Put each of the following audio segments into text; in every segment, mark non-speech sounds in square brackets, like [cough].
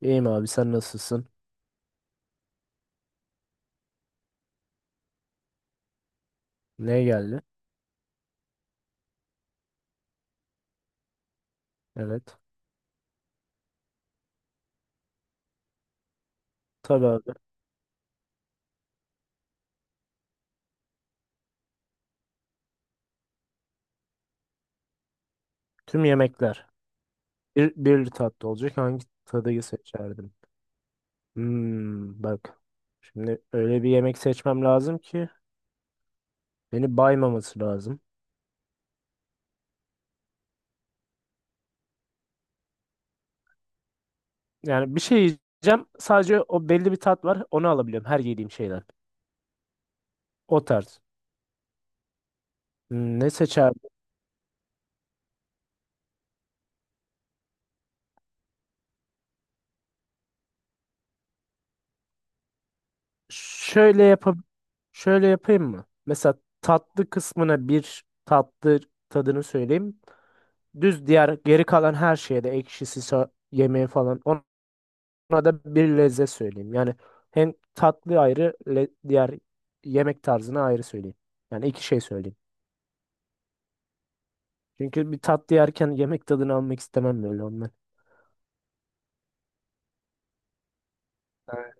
İyiyim abi sen nasılsın? Ne geldi? Evet. Tabii abi. Tüm yemekler. Bir tatlı olacak. Hangi tadıyı seçerdim? Bak. Şimdi öyle bir yemek seçmem lazım ki beni baymaması lazım. Yani bir şey yiyeceğim. Sadece o belli bir tat var. Onu alabiliyorum. Her yediğim şeyden. O tarz. Ne seçerdim? Şöyle yapıp şöyle yapayım mı? Mesela tatlı kısmına bir tatlı tadını söyleyeyim. Düz diğer geri kalan her şeye de ekşisi, yemeği falan ona da bir lezzet söyleyeyim. Yani hem tatlı ayrı diğer yemek tarzına ayrı söyleyeyim. Yani iki şey söyleyeyim. Çünkü bir tatlı yerken yemek tadını almak istemem böyle ondan. Evet.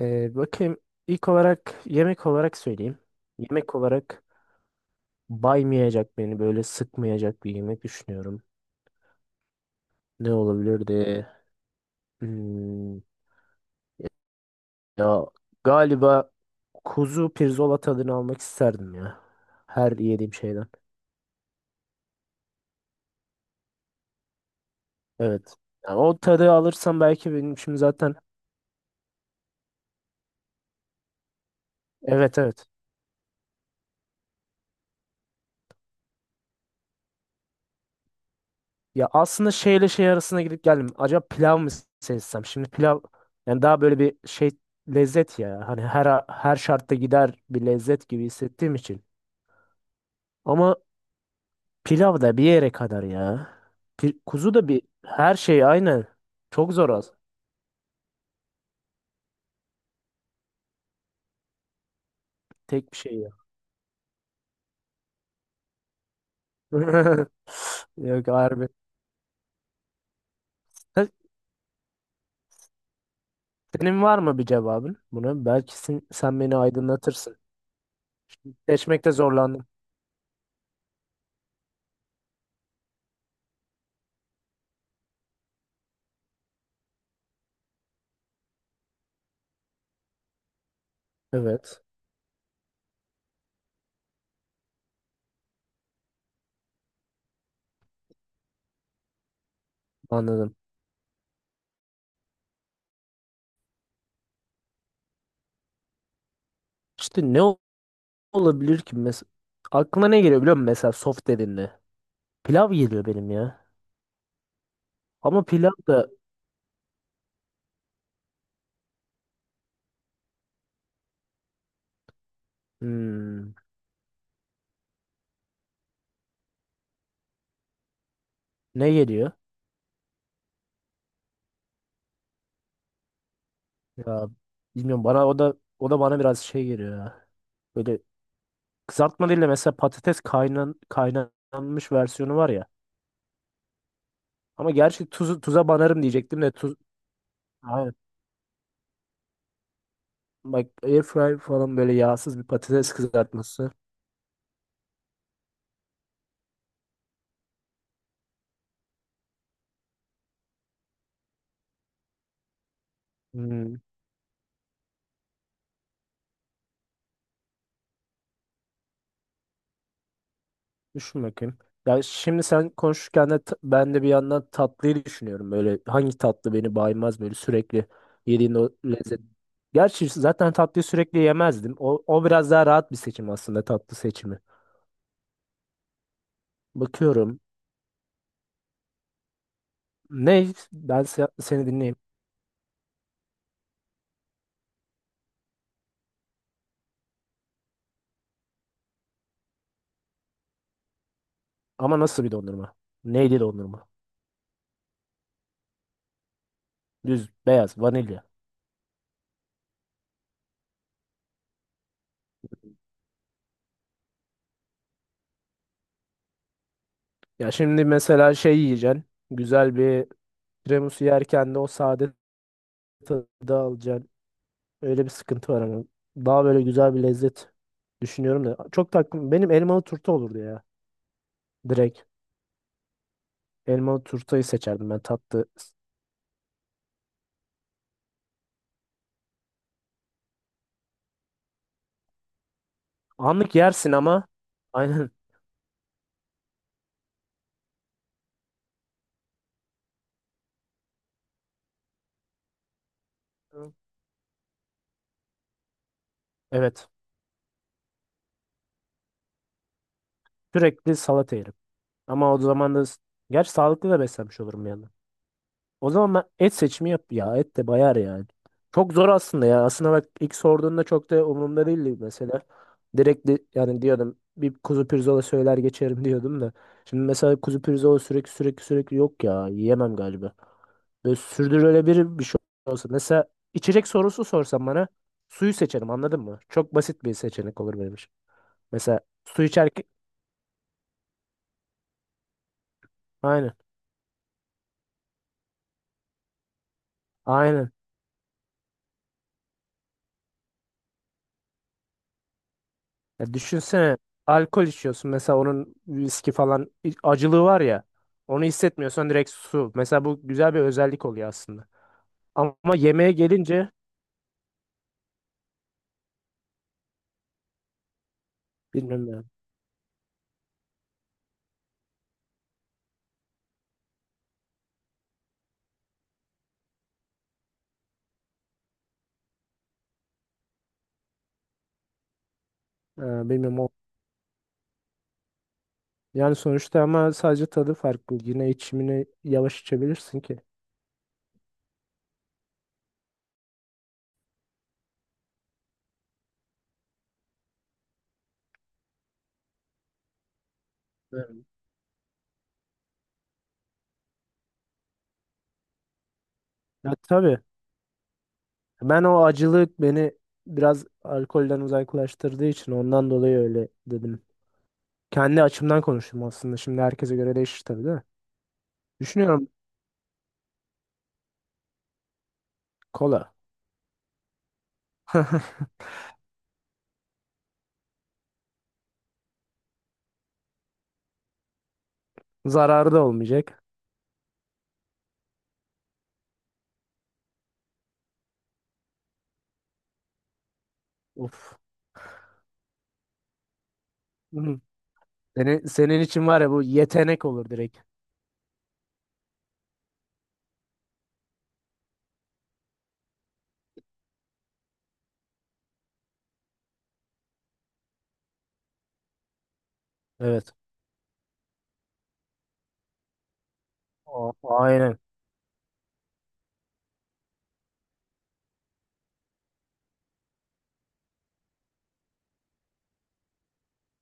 Bakayım ilk olarak yemek olarak söyleyeyim. Yemek olarak baymayacak beni böyle sıkmayacak bir yemek düşünüyorum. Ne olabilirdi? Hmm, Ya galiba kuzu pirzola tadını almak isterdim ya. Her yediğim şeyden. Evet. Yani o tadı alırsam belki benim için zaten. Evet, evet. Ya aslında şeyle şey arasına gidip geldim. Acaba pilav mı seçsem? Şimdi pilav yani daha böyle bir şey lezzet ya. Hani her şartta gider bir lezzet gibi hissettiğim için. Ama pilav da bir yere kadar ya. Kuzu da bir her şey aynı. Çok zor az. Tek bir şey ya. [laughs] Yok harbi. Senin var mı bir cevabın buna? Belki sen beni aydınlatırsın. Seçmekte zorlandım. Evet, anladım. İşte olabilir ki mesela? Aklıma ne geliyor biliyor musun mesela soft dediğinde? Pilav geliyor benim ya. Ama pilav da hmm, ne geliyor? Ya bilmiyorum, bana o da bana biraz şey geliyor ya. Böyle kızartma değil de mesela patates kaynanmış versiyonu var ya. Ama gerçi tuza banarım diyecektim de tuz, aynen. Bak airfryer falan böyle yağsız bir patates kızartması. Hmm, düşün bakayım. Ya şimdi sen konuşurken de ben de bir yandan tatlıyı düşünüyorum. Böyle hangi tatlı beni baymaz böyle sürekli yediğin o lezzet. Gerçi zaten tatlıyı sürekli yemezdim. O biraz daha rahat bir seçim aslında tatlı seçimi. Bakıyorum. Ne? Ben seni dinleyeyim. Ama nasıl bir dondurma? Neydi dondurma? Düz, beyaz, vanilya. Ya şimdi mesela şey yiyeceksin. Güzel bir tiramisu yerken de o sade tadı alacaksın. Öyle bir sıkıntı var hani. Daha böyle güzel bir lezzet düşünüyorum da. Çok takım benim elmalı turta olurdu ya. Direkt elmalı turtayı seçerdim ben tatlı. Anlık yersin ama [laughs] aynen. Evet. Sürekli salata yerim. Ama o zaman da gerçi sağlıklı da beslenmiş olurum yani. O zaman ben et seçimi yap ya. Et de bayar yani. Çok zor aslında ya. Aslında bak ilk sorduğunda çok da umurumda değildi mesela. Direkt yani diyordum bir kuzu pirzola söyler geçerim [laughs] diyordum da. Şimdi mesela kuzu pirzola sürekli sürekli yok ya. Yiyemem galiba. Böyle sürdürülebilir bir şey olsa. Mesela içecek sorusu sorsan bana suyu seçerim, anladın mı? Çok basit bir seçenek olur benim için. Mesela su içerken aynen. Aynen. Ya düşünsene alkol içiyorsun mesela onun viski falan acılığı var ya, onu hissetmiyorsan direkt su. Mesela bu güzel bir özellik oluyor aslında. Ama yemeğe gelince bilmiyorum yani. Bilmiyorum o. Yani sonuçta ama sadece tadı farklı. Yine içimini yavaş içebilirsin ki. Evet. Ya tabii. Ben o acılık beni biraz alkolden uzaklaştırdığı için ondan dolayı öyle dedim. Kendi açımdan konuştum aslında. Şimdi herkese göre değişir tabii de. Düşünüyorum kola. [laughs] Zararı da olmayacak. Uf. Hı. Senin için var ya, bu yetenek olur direkt. Evet. Aynen.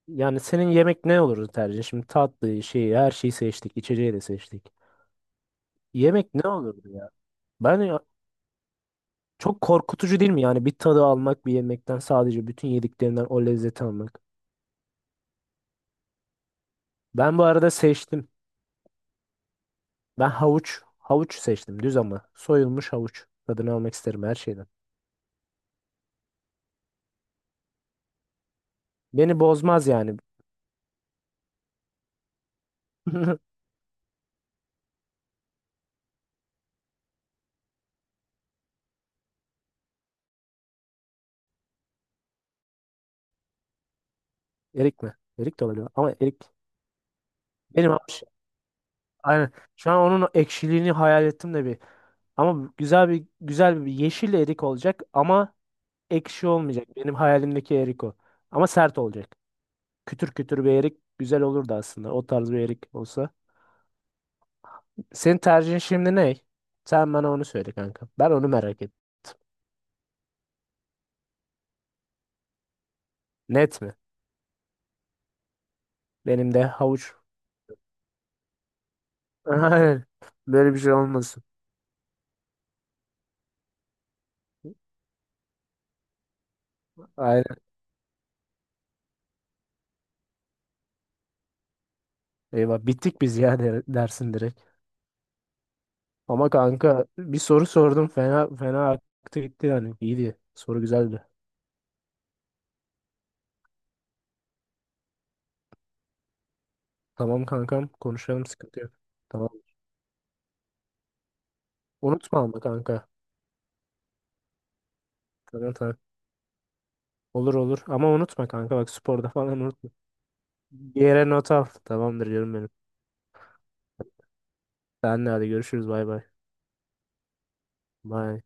Yani senin yemek ne olurdu tercih? Şimdi tatlı şeyi her şeyi seçtik. İçeceği de seçtik. Yemek ne olurdu ya? Ben çok korkutucu değil mi yani bir tadı almak bir yemekten sadece bütün yediklerinden o lezzeti almak. Ben bu arada seçtim. Ben havuç. Havuç seçtim düz ama. Soyulmuş havuç. Tadını almak isterim her şeyden. Beni bozmaz yani. [laughs] Erik mi? Erik de olabilir ama erik. Benim havuç aynen. Şu an onun ekşiliğini hayal ettim de bir. Ama güzel bir yeşil erik olacak ama ekşi olmayacak. Benim hayalimdeki erik o. Ama sert olacak. Kütür kütür bir erik güzel olurdu aslında. O tarz bir erik olsa. Senin tercihin şimdi ne? Sen bana onu söyle kanka. Ben onu merak ettim. Net mi? Benim de havuç. [laughs] Aynen. Böyle bir şey olmasın. Aynen. Eyvah bittik biz ya, dersin direkt. Ama kanka bir soru sordum, fena fena aktı gitti yani. İyiydi. Soru güzeldi. Tamam kankam, konuşalım, sıkıntı yok. Tamam. Unutma ama kanka. Tamam, tamam. Olur, olur ama unutma kanka, bak sporda falan unutma. Bir yere not al. Tamamdır canım benim. Senle hadi görüşürüz, bay bay. Bay.